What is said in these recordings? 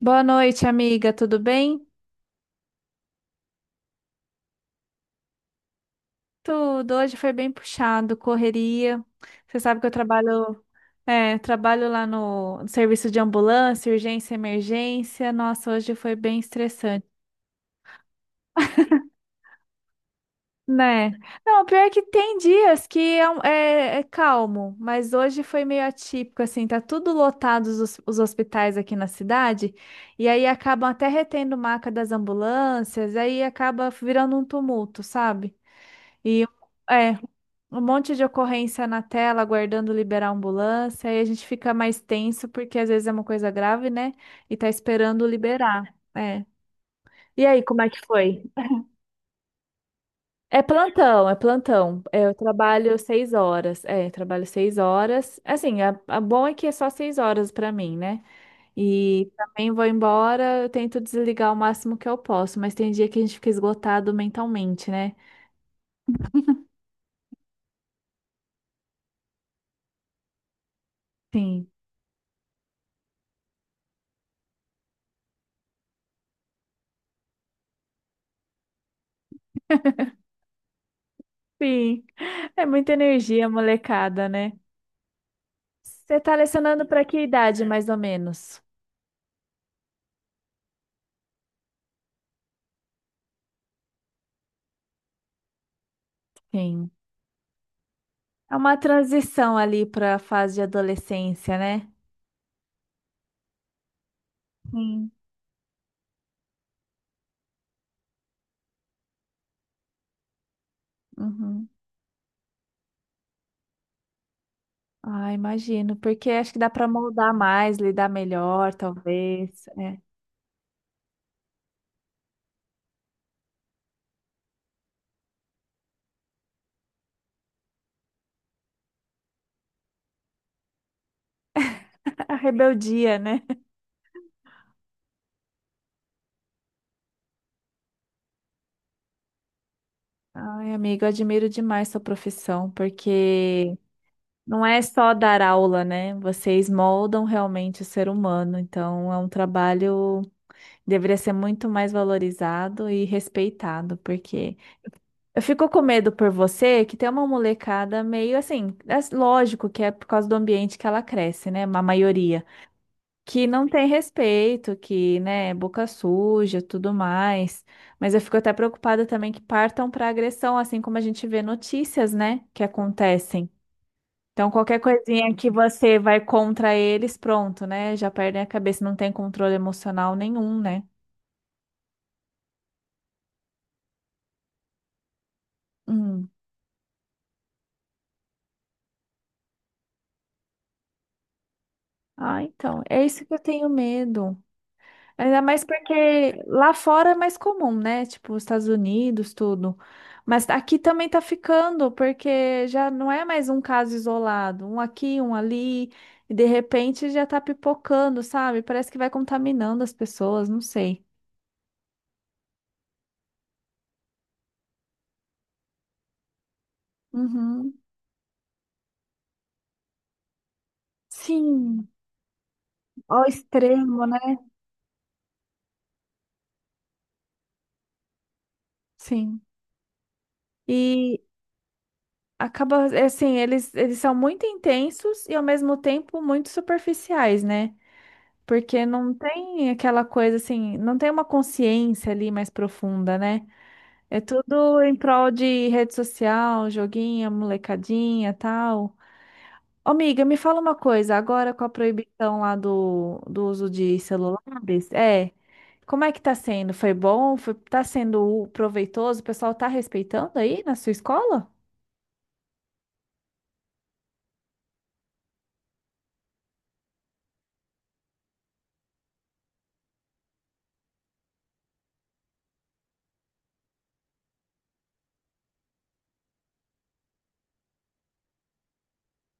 Boa noite, amiga. Tudo bem? Tudo. Hoje foi bem puxado, correria. Você sabe que eu trabalho, trabalho lá no serviço de ambulância, urgência, emergência. Nossa, hoje foi bem estressante, né? Não, pior é que tem dias que é, é calmo, mas hoje foi meio atípico, assim, tá tudo lotado os hospitais aqui na cidade, e aí acabam até retendo maca das ambulâncias, aí acaba virando um tumulto, sabe? E é, Um monte de ocorrência na tela, aguardando liberar a ambulância, aí a gente fica mais tenso, porque às vezes é uma coisa grave, né? E tá esperando liberar. É. E aí, como é que foi? É plantão, é plantão. É, eu trabalho seis horas. É, eu trabalho seis horas. Assim, a bom é que é só seis horas pra mim, né? E também vou embora, eu tento desligar o máximo que eu posso, mas tem dia que a gente fica esgotado mentalmente, né? Sim. Sim, é muita energia, molecada, né? Você tá lecionando para que idade, mais ou menos? Sim. É uma transição ali para a fase de adolescência, né? Sim. Uhum. Ah, imagino, porque acho que dá para moldar mais, lidar melhor, talvez. É. A rebeldia, né? Ai, amigo, eu admiro demais sua profissão, porque não é só dar aula, né? Vocês moldam realmente o ser humano, então é um trabalho. Deveria ser muito mais valorizado e respeitado, porque eu fico com medo por você que tem uma molecada meio assim, é lógico que é por causa do ambiente que ela cresce, né? Uma maioria que não tem respeito, que, né, é boca suja, tudo mais. Mas eu fico até preocupada também que partam para agressão, assim como a gente vê notícias, né, que acontecem. Então, qualquer coisinha que você vai contra eles, pronto, né? Já perdem a cabeça, não tem controle emocional nenhum, né? Hum. Ah, então, é isso que eu tenho medo. Ainda mais porque lá fora é mais comum, né? Tipo, os Estados Unidos, tudo. Mas aqui também tá ficando, porque já não é mais um caso isolado, um aqui, um ali, e de repente já tá pipocando, sabe? Parece que vai contaminando as pessoas, não sei. Uhum. Sim, ao extremo, né? Sim. E acaba, é assim, eles são muito intensos e ao mesmo tempo muito superficiais, né? Porque não tem aquela coisa assim, não tem uma consciência ali mais profunda, né? É tudo em prol de rede social, joguinho, molecadinha, tal. Ô, amiga, me fala uma coisa, agora com a proibição lá do uso de celulares, é, como é que tá sendo? Foi bom? Foi, tá sendo proveitoso? O pessoal tá respeitando aí na sua escola?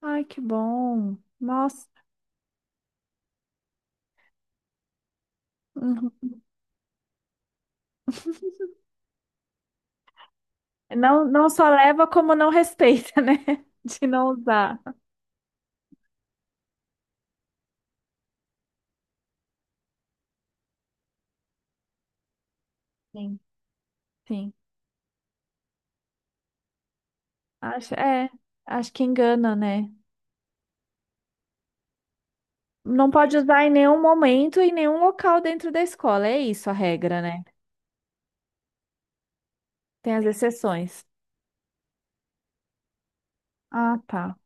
Ai, que bom. Nossa. Uhum. Não, não só leva como não respeita, né? De não usar. Sim. Sim. Acho, é, acho que engana, né? Não pode usar em nenhum momento, em nenhum local dentro da escola. É isso a regra, né? Tem as exceções. Ah, tá.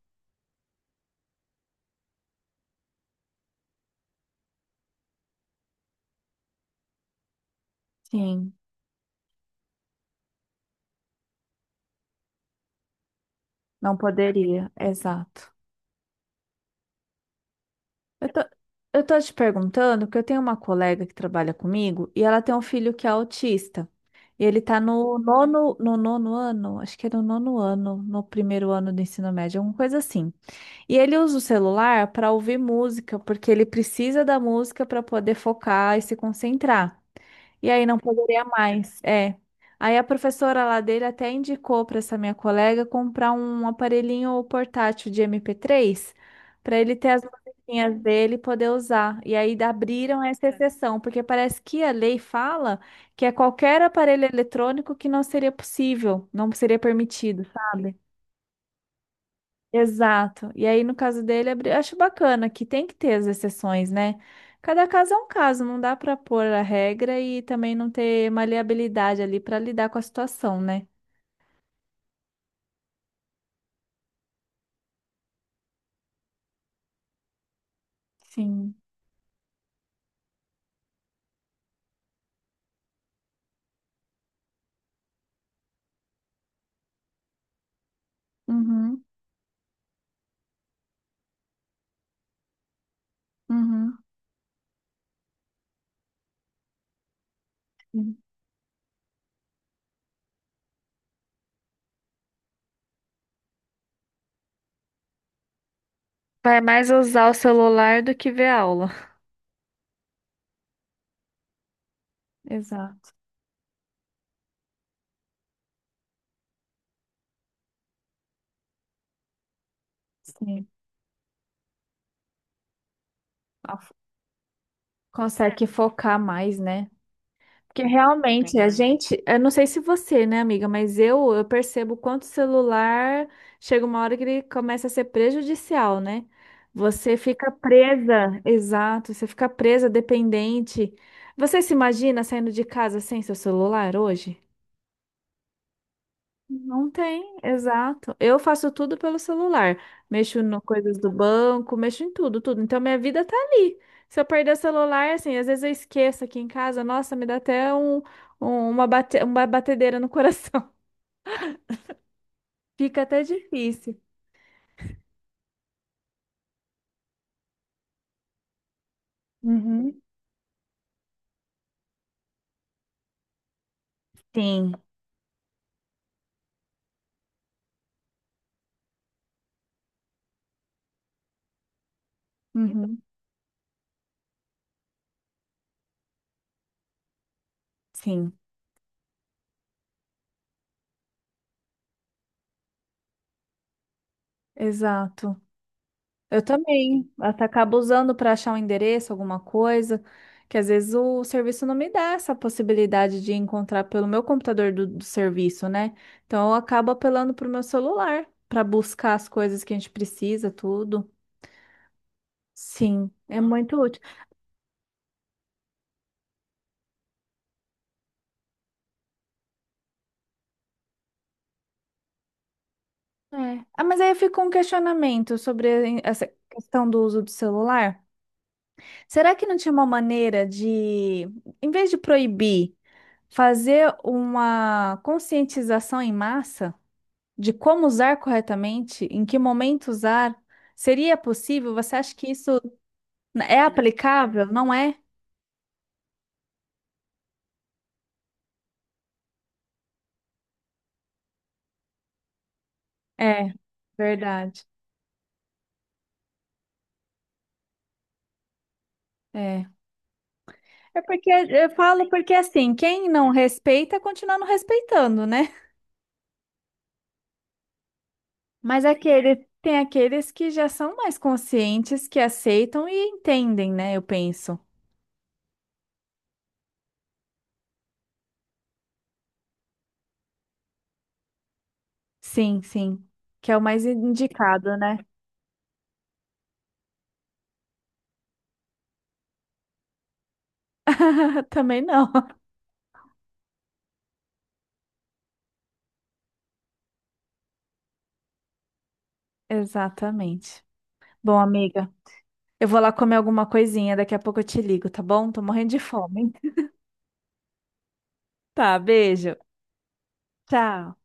Sim, não poderia. Exato. Eu tô, eu tô te perguntando, porque eu tenho uma colega que trabalha comigo e ela tem um filho que é autista. E ele tá no nono ano, acho que é no nono ano, no primeiro ano do ensino médio, alguma coisa assim. E ele usa o celular para ouvir música, porque ele precisa da música para poder focar e se concentrar. E aí não poderia mais. É. Aí a professora lá dele até indicou para essa minha colega comprar um aparelhinho portátil de MP3 para ele ter as musiquinhas dele e poder usar. E aí da abriram essa exceção, porque parece que a lei fala que é qualquer aparelho eletrônico que não seria possível, não seria permitido, sabe? Exato. E aí, no caso dele, acho bacana que tem que ter as exceções, né? Cada caso é um caso, não dá para pôr a regra e também não ter maleabilidade ali para lidar com a situação, né? Sim. Uhum, uhum. Sim. Vai mais usar o celular do que ver aula. Exato. Sim. Ah, consegue focar mais, né? Porque realmente a gente, eu não sei se você, né, amiga, mas eu percebo quanto o celular chega uma hora que ele começa a ser prejudicial, né? Você fica presa, exato, você fica presa, dependente. Você se imagina saindo de casa sem seu celular hoje? Não tem, exato. Eu faço tudo pelo celular. Mexo no coisas do banco, mexo em tudo, tudo. Então minha vida tá ali. Se eu perder o celular, assim, às vezes eu esqueço aqui em casa, nossa, me dá até uma, bate, uma batedeira no coração. Fica até difícil. Uhum, sim, uhum, sim. Exato. Eu também. Até acabo usando para achar um endereço, alguma coisa, que às vezes o serviço não me dá essa possibilidade de encontrar pelo meu computador do serviço, né? Então eu acabo apelando para o meu celular para buscar as coisas que a gente precisa, tudo. Sim, é muito útil. É. Ah, mas aí fica um questionamento sobre essa questão do uso do celular. Será que não tinha uma maneira de, em vez de proibir, fazer uma conscientização em massa? De como usar corretamente, em que momento usar, seria possível? Você acha que isso é aplicável? Não é? É, verdade. É. É porque eu falo porque assim, quem não respeita, continua não respeitando, né? Mas aquele, tem aqueles que já são mais conscientes, que aceitam e entendem, né? Eu penso. Sim, sim. Que é o mais indicado, né? Também não. Exatamente. Bom, amiga. Eu vou lá comer alguma coisinha, daqui a pouco eu te ligo, tá bom? Tô morrendo de fome. Tá, beijo. Tchau.